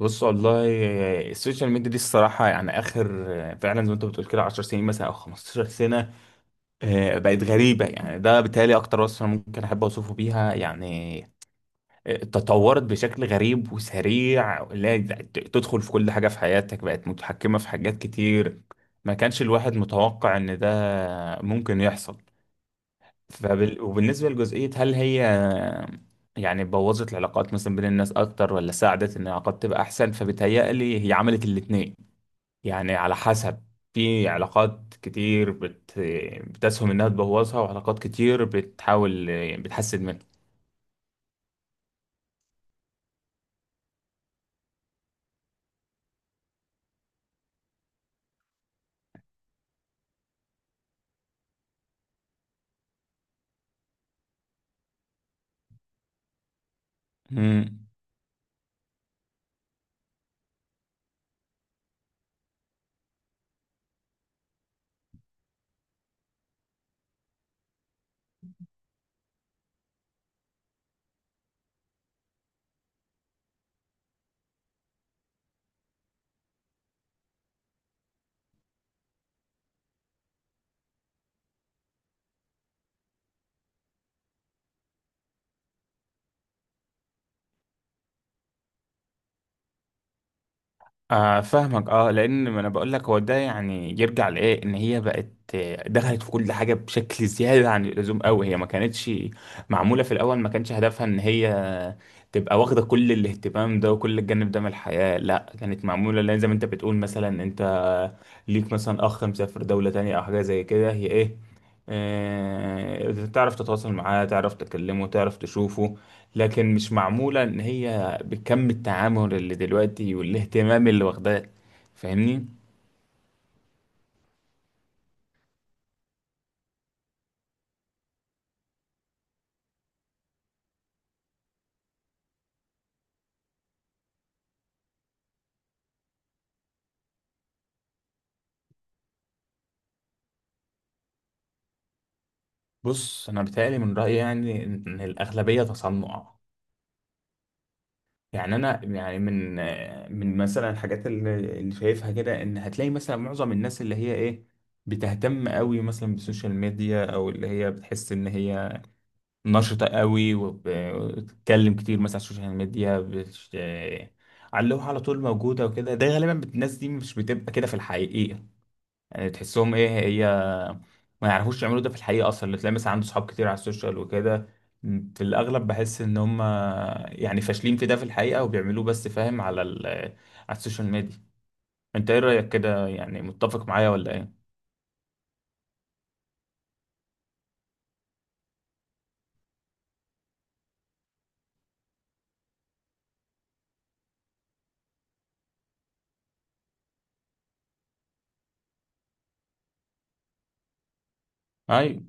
بص، والله السوشيال ميديا دي الصراحة يعني آخر، فعلا زي ما أنت بتقول كده، 10 سنين مثلا أو 15 سنة، بقت غريبة. يعني ده بالتالي أكتر وصف أنا ممكن أحب أوصفه بيها يعني. تطورت بشكل غريب وسريع، اللي هي تدخل في كل حاجة في حياتك، بقت متحكمة في حاجات كتير. ما كانش الواحد متوقع إن ده ممكن يحصل. وبالنسبة لجزئية، هل هي يعني بوظت العلاقات مثلا بين الناس أكتر ولا ساعدت إن العلاقات تبقى أحسن؟ فبتهيألي هي عملت الاتنين. يعني على حسب، في علاقات كتير بتسهم إنها تبوظها، وعلاقات كتير بتحاول بتحسن منها. مم. آه، فاهمك. اه، لان ما انا بقول لك هو ده، يعني يرجع لايه؟ ان هي بقت، دخلت في كل حاجه بشكل زياده عن اللزوم قوي. هي ما كانتش معموله في الاول. ما كانش هدفها ان هي تبقى واخده كل الاهتمام ده وكل الجانب ده من الحياه، لا، كانت معموله لان زي ما انت بتقول، مثلا انت ليك مثلا اخ مسافر دولة تانية او حاجة زي كده، هي ايه؟ تعرف تتواصل معاه، تعرف تكلمه، تعرف تشوفه. لكن مش معمولة ان هي بكم التعامل اللي دلوقتي والاهتمام اللي واخداه، فاهمني؟ بص، انا بتهيألي من رأيي يعني ان الاغلبية تصنع. يعني انا يعني من مثلا الحاجات اللي شايفها كده، ان هتلاقي مثلا معظم الناس اللي هي ايه، بتهتم قوي مثلا بالسوشيال ميديا، او اللي هي بتحس ان هي نشطة قوي وبتتكلم كتير مثلا على السوشيال ميديا، بتش... آه، على اللوحة على طول موجودة وكده. ده غالبا الناس دي مش بتبقى كده في الحقيقة. يعني تحسهم ايه؟ هي ما يعرفوش يعملوا ده في الحقيقة أصلا. اللي تلاقي مثلا عنده صحاب كتير على السوشيال وكده، في الأغلب بحس إن هم يعني فاشلين في ده في الحقيقة وبيعملوه بس، فاهم؟ على السوشيال ميديا. أنت إيه رأيك كده؟ يعني متفق معايا ولا إيه؟ أيوه.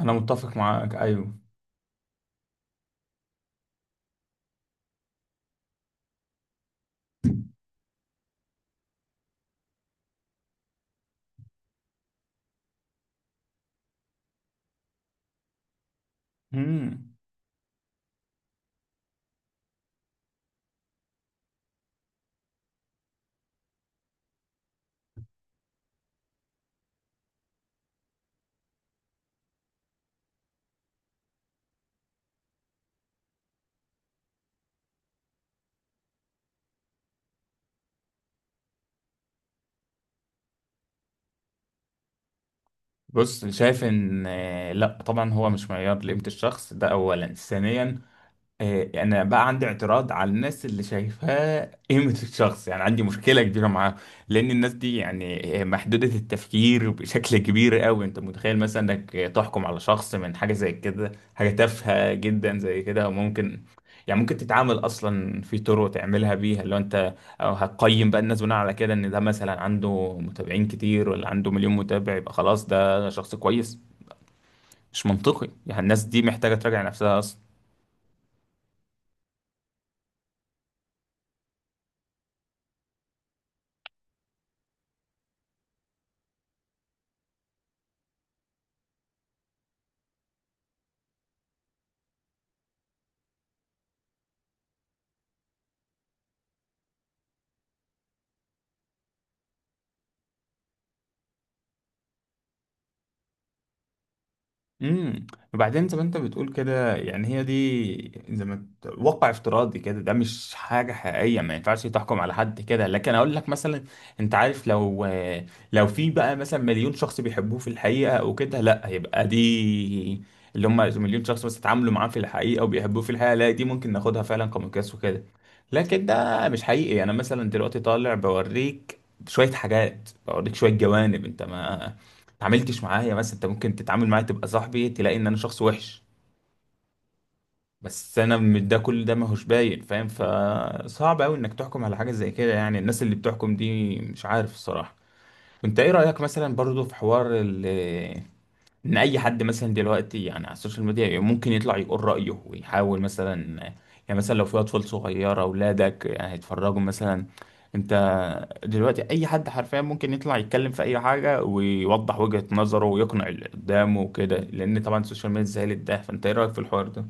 أنا متفق معاك. أيوه. مم. بص، شايف ان لا، طبعا هو مش معيار لقيمة الشخص، ده اولا. ثانيا، انا بقى عندي اعتراض على الناس اللي شايفاه قيمة الشخص، يعني عندي مشكلة كبيرة معاهم. لان الناس دي يعني محدودة التفكير بشكل كبير قوي. انت متخيل مثلا انك تحكم على شخص من حاجة زي كده، حاجة تافهة جدا زي كده؟ وممكن يعني ممكن تتعامل اصلا في طرق تعملها بيها اللي هو انت، أو هتقيم بقى الناس بناء على كده؟ ان ده مثلا عنده متابعين كتير، ولا عنده مليون متابع يبقى خلاص ده شخص كويس؟ مش منطقي يعني. الناس دي محتاجة تراجع نفسها. امم وبعدين زي ما انت بتقول كده، يعني هي دي زي ما واقع افتراضي كده، ده مش حاجه حقيقيه، ما ينفعش تحكم على حد كده. لكن اقول لك مثلا، انت عارف، لو في بقى مثلا مليون شخص بيحبوه في الحقيقه او كده، لا، هيبقى دي اللي هم مليون شخص بس اتعاملوا معاه في الحقيقه وبيحبوه في الحقيقه، لا، دي ممكن ناخدها فعلا كمقياس وكده. لكن ده مش حقيقي. انا مثلا دلوقتي طالع بوريك شويه حاجات، بوريك شويه جوانب، انت ما اتعاملتش معايا. بس انت ممكن تتعامل معايا تبقى صاحبي، تلاقي ان انا شخص وحش. بس انا من ده، كل ده ماهوش باين، فاهم؟ فصعب قوي انك تحكم على حاجه زي كده. يعني الناس اللي بتحكم دي مش عارف الصراحه. انت ايه رايك مثلا برضو في حوار ان اي حد مثلا دلوقتي يعني على السوشيال ميديا ممكن يطلع يقول رايه ويحاول مثلا، يعني مثلا لو في اطفال صغيره اولادك يعني هيتفرجوا مثلا؟ انت دلوقتي اي حد حرفيا ممكن يطلع يتكلم في اي حاجه ويوضح وجهه نظره ويقنع اللي قدامه وكده، لان طبعا السوشيال ميديا سهلت ده. فانت ايه رايك في الحوار ده؟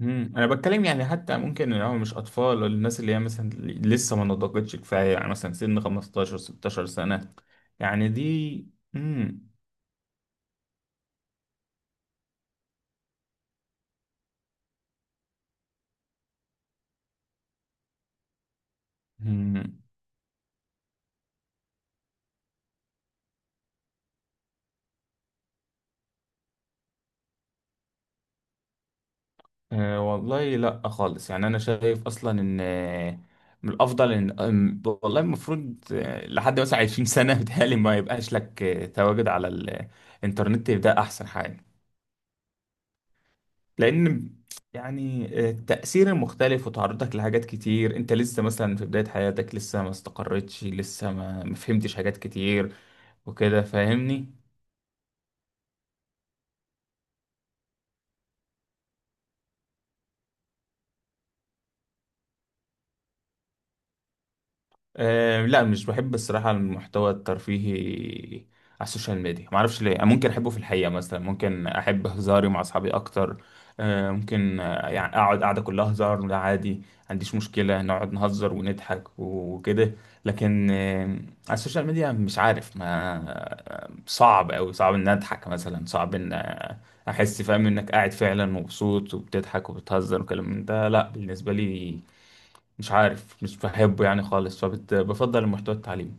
انا بتكلم يعني حتى ممكن ان هو مش اطفال، ولا الناس اللي هي مثلا لسه ما نضجتش كفايه، يعني مثلا سن 15 16 سنه، يعني دي. امم أه، والله لا خالص. يعني انا شايف اصلا ان من الافضل ان والله المفروض لحد مثلا 20 سنه بتهيألي ما يبقاش لك تواجد على الانترنت. ده احسن حاجه، لان يعني التأثير المختلف وتعرضك لحاجات كتير. انت لسه مثلا في بدايه حياتك، لسه ما استقرتش، لسه ما فهمتش حاجات كتير وكده، فاهمني؟ أه، لا، مش بحب الصراحة المحتوى الترفيهي على السوشيال ميديا. معرفش ليه. أنا ممكن أحبه في الحقيقة، مثلا ممكن أحب هزاري مع أصحابي أكتر. أه ممكن يعني أقعد قعدة كلها هزار، وده عادي، ما عنديش مشكلة نقعد نهزر ونضحك وكده. لكن على السوشيال ميديا مش عارف، ما آه، صعب أوي، صعب إن أضحك مثلا، صعب إن أحس، فاهم؟ إنك قاعد فعلا مبسوط وبتضحك وبتهزر وكلام من ده، لا بالنسبة لي مش عارف، مش بحبه يعني خالص. فبفضل المحتوى التعليمي.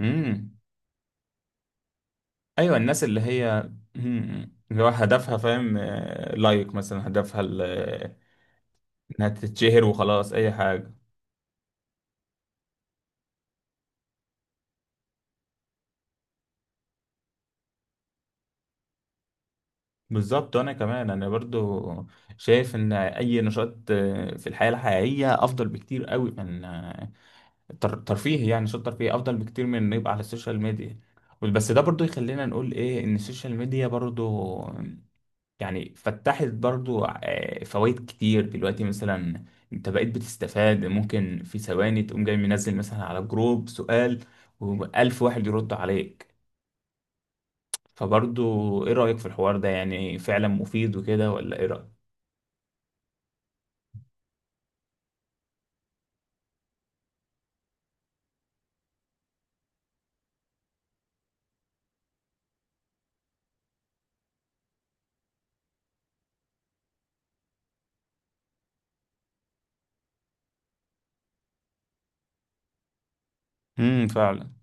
امم ايوه، الناس اللي هي اللي هو هدفها، فاهم؟ لايك مثلا، هدفها انها تتشهر وخلاص اي حاجه. بالظبط. انا كمان انا برضو شايف ان اي نشاط في الحياه الحقيقيه افضل بكتير قوي من ترفيه، يعني نشاط ترفيه افضل بكتير من انه يبقى على السوشيال ميديا. بس ده برضو يخلينا نقول ايه؟ ان السوشيال ميديا برضو يعني فتحت برضو فوائد كتير دلوقتي. مثلا انت بقيت بتستفاد، ممكن في ثواني تقوم جاي منزل مثلا على جروب سؤال، وألف واحد يرد عليك. فبرضو ايه رأيك في الحوار ده؟ يعني فعلا مفيد وكده ولا ايه رأيك؟ فعلا.